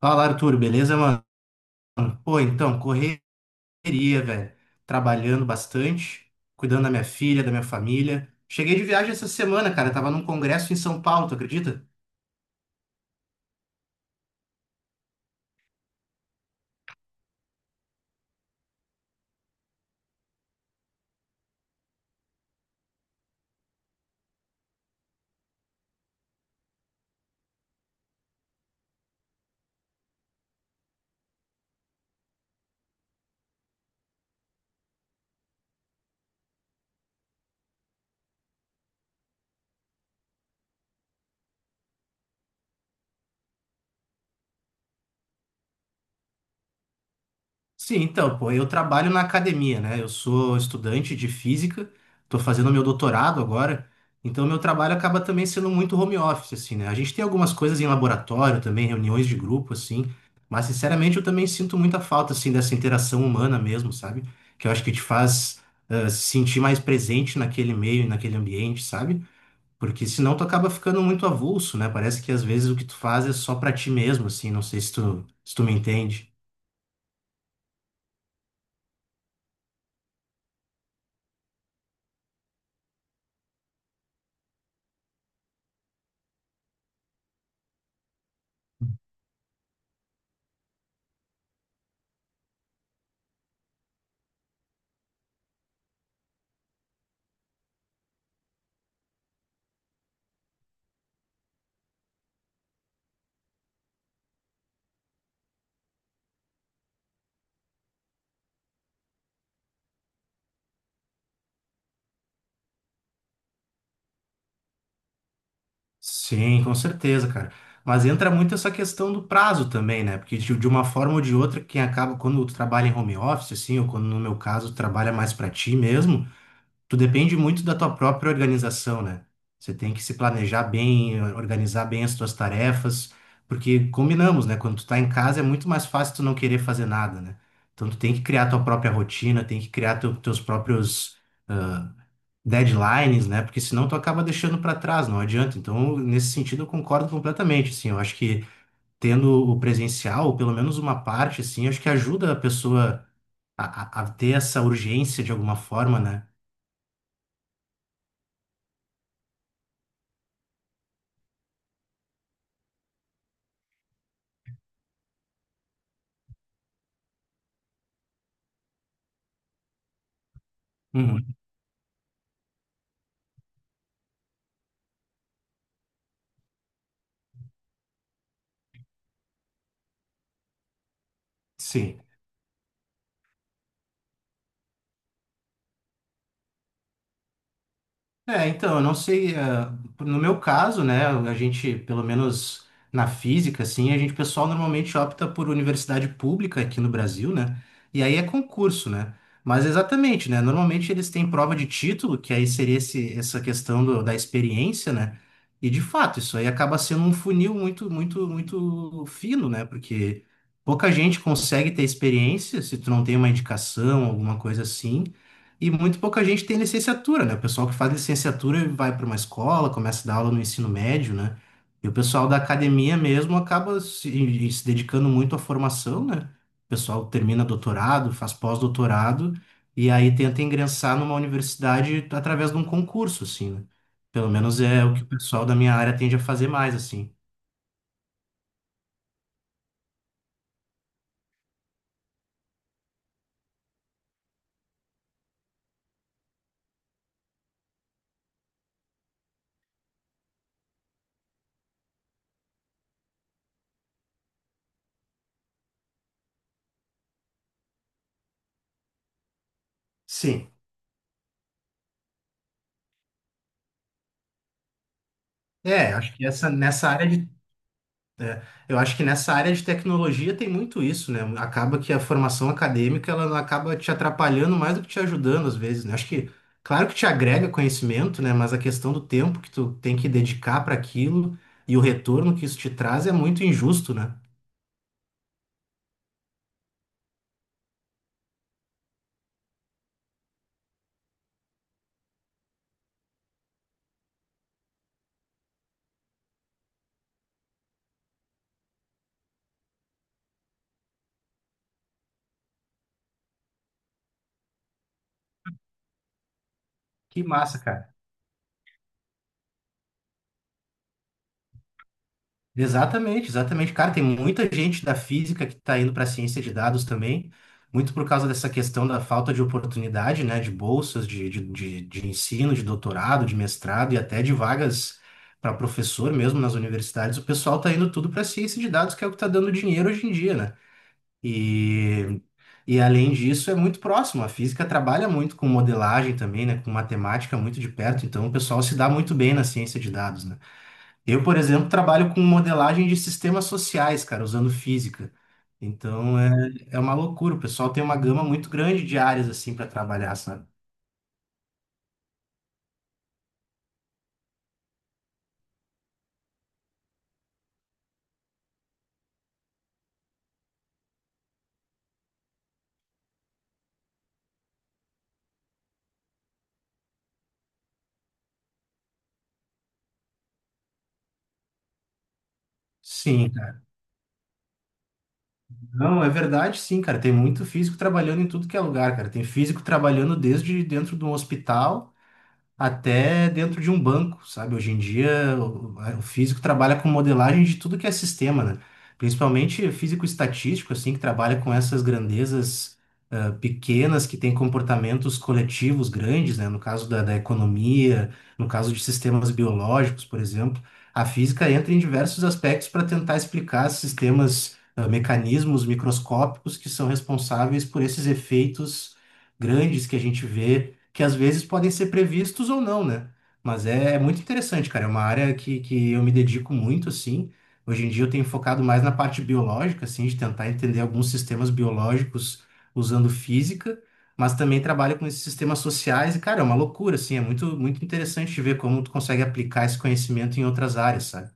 Fala, Arthur, beleza, mano? Pô, então, correria, velho. Trabalhando bastante, cuidando da minha filha, da minha família. Cheguei de viagem essa semana, cara. Tava num congresso em São Paulo, tu acredita? Sim, então, pô, eu trabalho na academia, né? Eu sou estudante de física, tô fazendo meu doutorado agora, então meu trabalho acaba também sendo muito home office, assim, né? A gente tem algumas coisas em laboratório também, reuniões de grupo, assim, mas sinceramente eu também sinto muita falta, assim, dessa interação humana mesmo, sabe? Que eu acho que te faz se sentir mais presente naquele meio e naquele ambiente, sabe? Porque senão tu acaba ficando muito avulso, né? Parece que às vezes o que tu faz é só pra ti mesmo, assim, não sei se tu, se tu me entende. Sim, com certeza, cara. Mas entra muito essa questão do prazo também, né? Porque de uma forma ou de outra, quem acaba, quando tu trabalha em home office, assim, ou quando no meu caso, tu trabalha mais pra ti mesmo, tu depende muito da tua própria organização, né? Você tem que se planejar bem, organizar bem as tuas tarefas, porque combinamos, né? Quando tu tá em casa é muito mais fácil tu não querer fazer nada, né? Então tu tem que criar tua própria rotina, tem que criar teus próprios deadlines, né? Porque senão tu acaba deixando para trás, não adianta. Então, nesse sentido, eu concordo completamente, assim. Eu acho que tendo o presencial, ou pelo menos uma parte, assim, acho que ajuda a pessoa a ter essa urgência de alguma forma, né? Uhum. Sim. É, então, eu não sei, no meu caso, né, a gente, pelo menos na física, assim, a gente, o pessoal normalmente opta por universidade pública aqui no Brasil, né, e aí é concurso, né, mas exatamente, né, normalmente eles têm prova de título, que aí seria esse, essa questão da experiência, né, e de fato, isso aí acaba sendo um funil muito, muito, muito fino, né, porque pouca gente consegue ter experiência se tu não tem uma indicação, alguma coisa assim, e muito pouca gente tem licenciatura, né? O pessoal que faz licenciatura vai para uma escola, começa a dar aula no ensino médio, né? E o pessoal da academia mesmo acaba se dedicando muito à formação, né? O pessoal termina doutorado, faz pós-doutorado, e aí tenta ingressar numa universidade através de um concurso, assim, né? Pelo menos é o que o pessoal da minha área tende a fazer mais, assim. Sim. É, acho que essa, nessa área de É, eu acho que nessa área de tecnologia tem muito isso, né? Acaba que a formação acadêmica ela acaba te atrapalhando mais do que te ajudando às vezes, né? Acho que, claro que te agrega conhecimento, né? Mas a questão do tempo que tu tem que dedicar para aquilo e o retorno que isso te traz é muito injusto, né? Que massa, cara. Exatamente, exatamente. Cara, tem muita gente da física que está indo para a ciência de dados também, muito por causa dessa questão da falta de oportunidade, né, de bolsas de ensino, de doutorado, de mestrado e até de vagas para professor mesmo nas universidades. O pessoal está indo tudo para a ciência de dados, que é o que está dando dinheiro hoje em dia, né? E, e além disso, é muito próximo. A física trabalha muito com modelagem também, né, com matemática muito de perto, então o pessoal se dá muito bem na ciência de dados, né? Eu, por exemplo, trabalho com modelagem de sistemas sociais, cara, usando física. Então é, é uma loucura. O pessoal tem uma gama muito grande de áreas assim para trabalhar, sabe? Sim, cara. Não, é verdade, sim, cara. Tem muito físico trabalhando em tudo que é lugar, cara. Tem físico trabalhando desde dentro de um hospital, até dentro de um banco, sabe? Hoje em dia, o físico trabalha com modelagem de tudo que é sistema, né? Principalmente físico estatístico, assim, que trabalha com essas grandezas pequenas que têm comportamentos coletivos grandes, né? No caso da economia, no caso de sistemas biológicos, por exemplo, a física entra em diversos aspectos para tentar explicar sistemas, mecanismos microscópicos que são responsáveis por esses efeitos grandes que a gente vê, que às vezes podem ser previstos ou não, né? Mas é, é muito interessante, cara. É uma área que eu me dedico muito, assim. Hoje em dia eu tenho focado mais na parte biológica, assim, de tentar entender alguns sistemas biológicos usando física, mas também trabalho com esses sistemas sociais e, cara, é uma loucura, assim. É muito, muito interessante de ver como tu consegue aplicar esse conhecimento em outras áreas, sabe?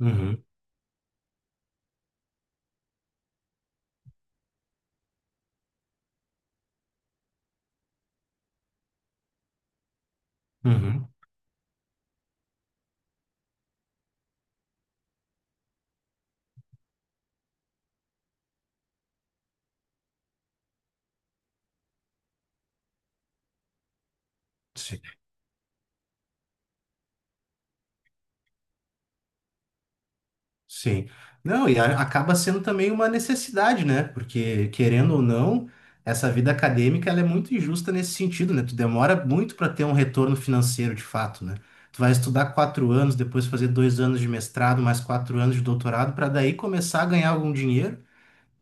Uhum, uhum. Sim. Sim. Não, e acaba sendo também uma necessidade, né? Porque, querendo ou não, essa vida acadêmica ela é muito injusta nesse sentido, né? Tu demora muito para ter um retorno financeiro de fato, né? Tu vai estudar 4 anos, depois fazer 2 anos de mestrado, mais 4 anos de doutorado, para daí começar a ganhar algum dinheiro.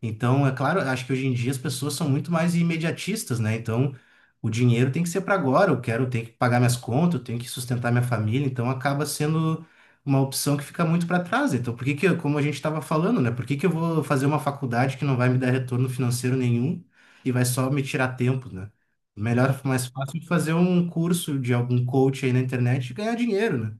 Então, é claro, acho que hoje em dia as pessoas são muito mais imediatistas, né? Então, o dinheiro tem que ser para agora. Eu quero, eu tenho que pagar minhas contas, eu tenho que sustentar minha família. Então, acaba sendo uma opção que fica muito para trás. Então, por que que, como a gente estava falando, né? Por que que eu vou fazer uma faculdade que não vai me dar retorno financeiro nenhum e vai só me tirar tempo, né? Melhor, mais fácil é fazer um curso de algum coach aí na internet e ganhar dinheiro, né?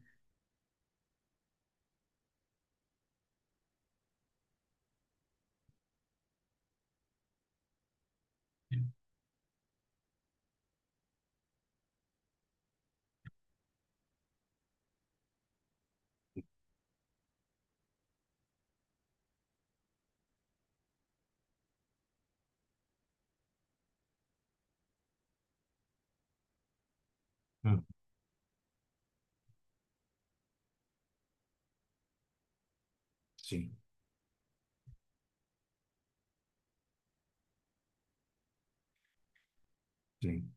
Hum, sim, sim.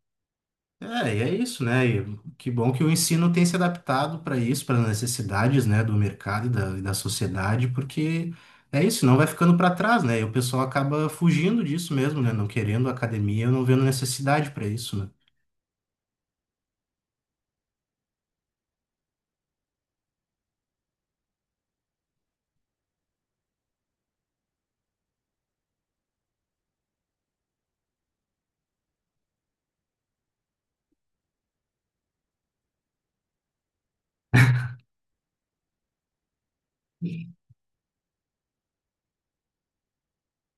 É, e é isso, né? E que bom que o ensino tem se adaptado para isso, para as necessidades, né, do mercado e da sociedade, porque é isso, não vai ficando para trás, né? E o pessoal acaba fugindo disso mesmo, né? Não querendo academia, não vendo necessidade para isso, né?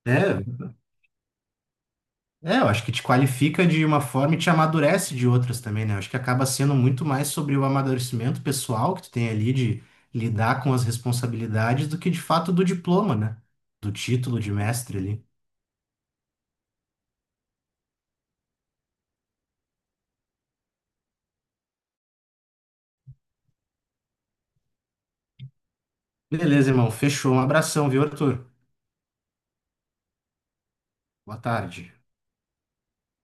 É, é, eu acho que te qualifica de uma forma e te amadurece de outras também, né? Eu acho que acaba sendo muito mais sobre o amadurecimento pessoal que tu tem ali de lidar com as responsabilidades do que de fato do diploma, né? Do título de mestre ali. Beleza, irmão. Fechou. Um abração, viu, Arthur? Boa tarde.